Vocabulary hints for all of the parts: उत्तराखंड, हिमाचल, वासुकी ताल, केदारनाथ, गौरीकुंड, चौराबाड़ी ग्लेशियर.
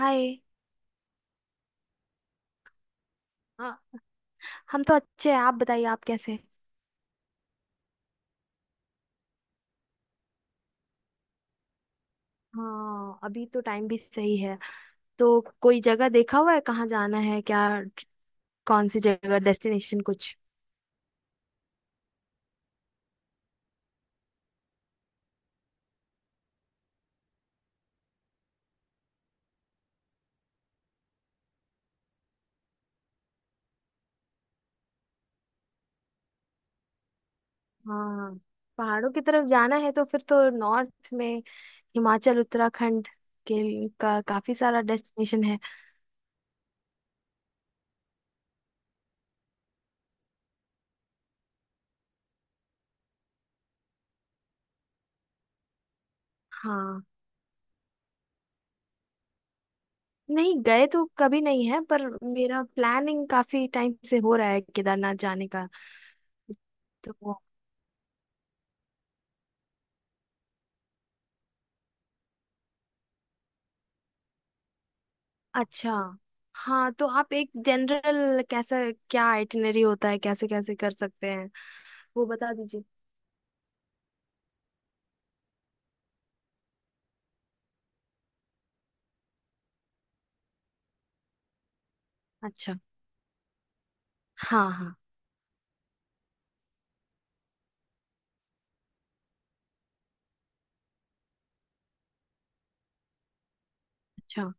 हाय। हाँ। हम तो अच्छे हैं, आप बताइए आप कैसे हैं? हाँ, अभी तो टाइम भी सही है। तो कोई जगह देखा हुआ है, कहाँ जाना है क्या? कौन सी जगह, डेस्टिनेशन कुछ? हाँ, पहाड़ों की तरफ जाना है तो फिर तो नॉर्थ में हिमाचल उत्तराखंड के का काफी सारा डेस्टिनेशन है। हाँ, नहीं गए तो कभी नहीं है, पर मेरा प्लानिंग काफी टाइम से हो रहा है केदारनाथ जाने का। तो अच्छा। हाँ, तो आप एक जनरल कैसा, क्या आइटिनरी होता है, कैसे कैसे कर सकते हैं वो बता दीजिए। अच्छा। हाँ हाँ। अच्छा।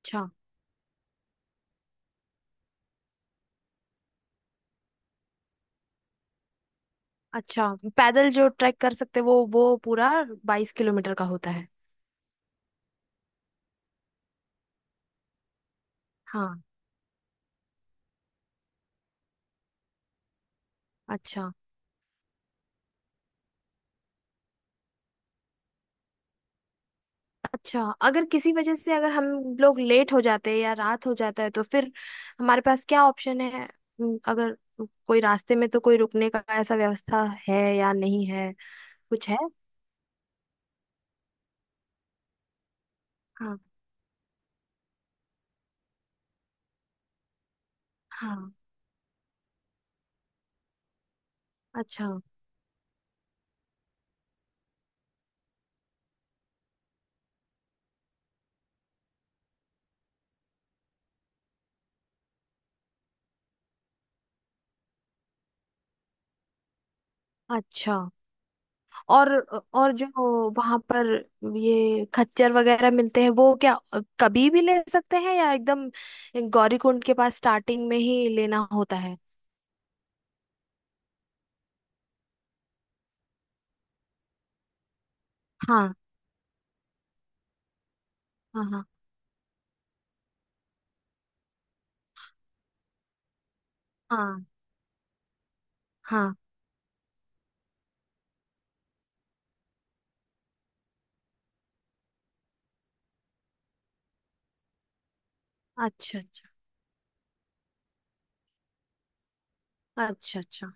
अच्छा। अच्छा, पैदल जो ट्रैक कर सकते हैं वो पूरा 22 किलोमीटर का होता है? हाँ, अच्छा। अच्छा, अगर किसी वजह से अगर हम लोग लेट हो जाते हैं या रात हो जाता है तो फिर हमारे पास क्या ऑप्शन है? अगर कोई रास्ते में तो कोई रुकने का ऐसा व्यवस्था है या नहीं है कुछ है? हाँ हाँ। अच्छा अच्छा। और और जो वहां पर ये खच्चर वगैरह मिलते हैं वो क्या कभी भी ले सकते हैं, या एकदम गौरीकुंड के पास स्टार्टिंग में ही लेना होता है? हाँ हाँ। हाँ हाँ हाँ। अच्छा अच्छा। अच्छा अच्छा।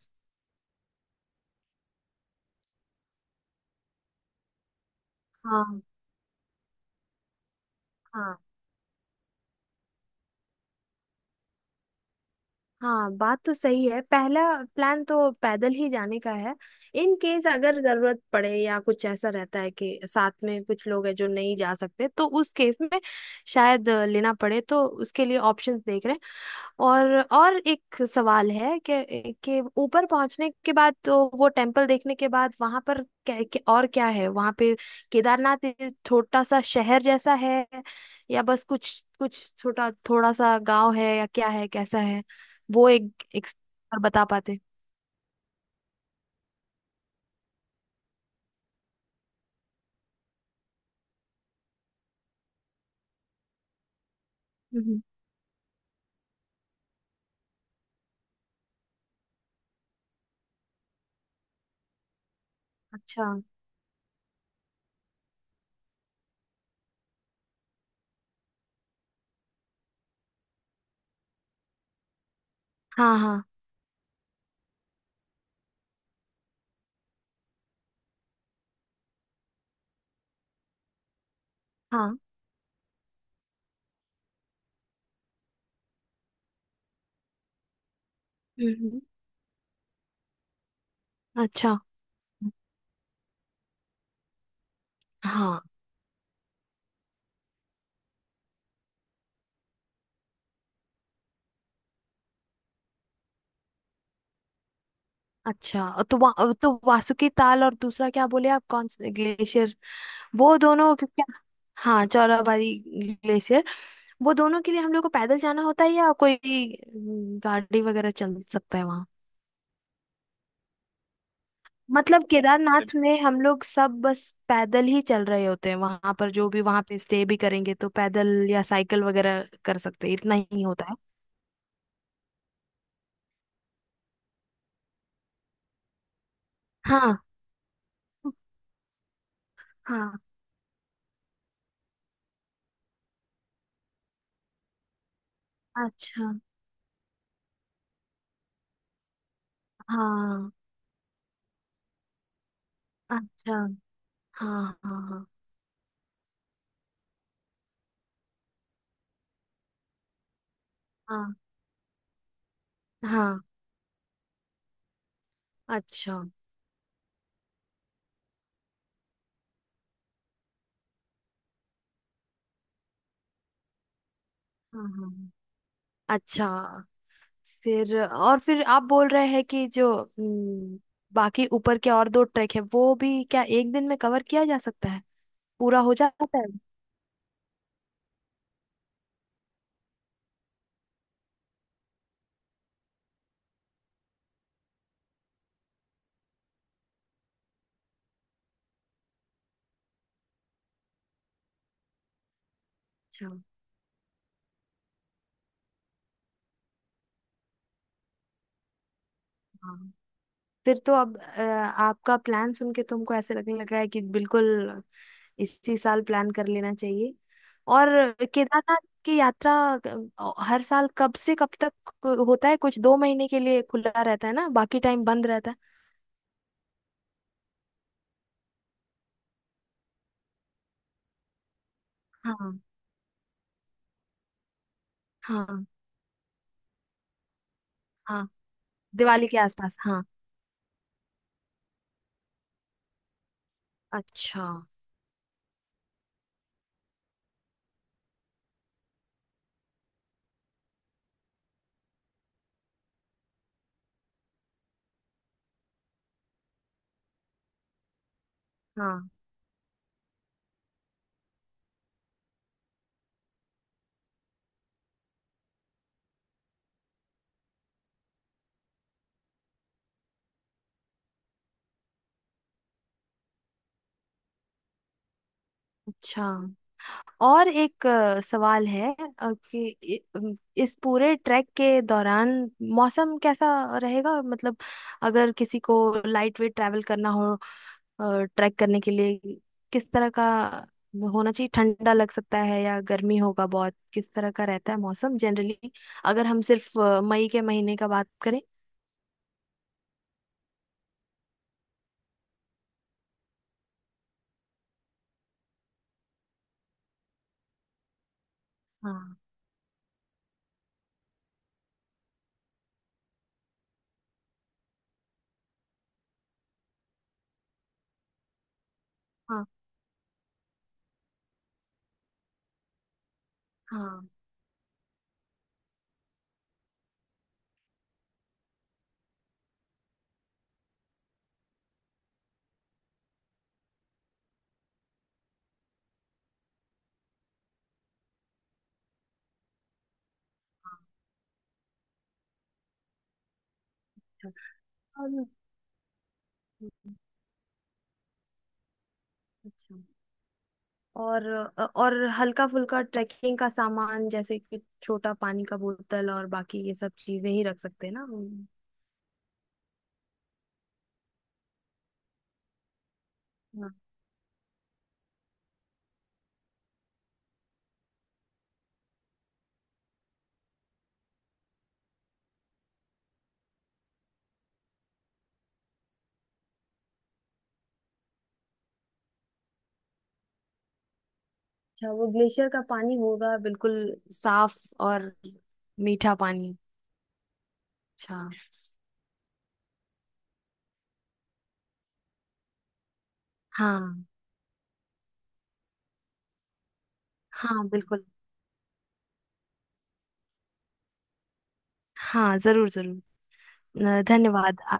हाँ हाँ हाँ, बात तो सही है, पहला प्लान तो पैदल ही जाने का है। इन केस अगर जरूरत पड़े या कुछ ऐसा रहता है कि साथ में कुछ लोग हैं जो नहीं जा सकते, तो उस केस में शायद लेना पड़े, तो उसके लिए ऑप्शंस देख रहे हैं। और एक सवाल है कि ऊपर पहुंचने के बाद तो वो टेम्पल देखने के बाद वहां पर क्या और क्या है वहां पे? केदारनाथ एक छोटा सा शहर जैसा है, या बस कुछ कुछ छोटा थोड़ा सा गांव है, या क्या है कैसा है वो? एक और बता पाते। हम्म। अच्छा। हाँ हाँ हाँ। हम्म। अच्छा। हाँ। अच्छा, तो वासुकी ताल और दूसरा क्या बोले आप, कौन से ग्लेशियर? वो दोनों क्या? हाँ, चौराबाड़ी ग्लेशियर। वो दोनों के लिए हम लोग को पैदल जाना होता है या कोई गाड़ी वगैरह चल सकता है वहाँ? मतलब केदारनाथ में हम लोग सब बस पैदल ही चल रहे होते हैं वहां पर, जो भी वहां पे स्टे भी करेंगे तो पैदल या साइकिल वगैरह कर सकते हैं, इतना ही होता है? हाँ हाँ। अच्छा। हाँ। अच्छा। हाँ हाँ हाँ हाँ हाँ। अच्छा। हाँ हाँ। अच्छा, फिर और फिर आप बोल रहे हैं कि जो बाकी ऊपर के और दो ट्रैक है वो भी क्या एक दिन में कवर किया जा सकता है, पूरा हो जाता है? अच्छा। हाँ, फिर तो अब आपका प्लान सुन के तुमको ऐसे लगने लगा है कि बिल्कुल इसी साल प्लान कर लेना चाहिए। और केदारनाथ की यात्रा हर साल कब से कब तक होता है कुछ? 2 महीने के लिए खुला रहता है ना, बाकी टाइम बंद रहता है? हाँ। हाँ हाँ, दिवाली के आसपास, हाँ। अच्छा। हाँ। अच्छा, और एक सवाल है कि इस पूरे ट्रैक के दौरान मौसम कैसा रहेगा, मतलब अगर किसी को लाइट वेट ट्रैवल करना हो, ट्रैक करने के लिए किस तरह का होना चाहिए? ठंडा लग सकता है या गर्मी होगा बहुत, किस तरह का रहता है मौसम जनरली, अगर हम सिर्फ मई के महीने का बात करें? हाँ हाँ हाँ। हाँ, अच्छा। और- हम्म, अच्छा। और और हल्का फुल्का ट्रैकिंग का सामान जैसे कि छोटा पानी का बोतल और बाकी ये सब चीजें ही रख सकते हैं ना हम। हाँ। अच्छा, वो ग्लेशियर का पानी होगा बिल्कुल साफ और मीठा पानी। अच्छा। हाँ हाँ, बिल्कुल। हाँ, जरूर जरूर। धन्यवाद।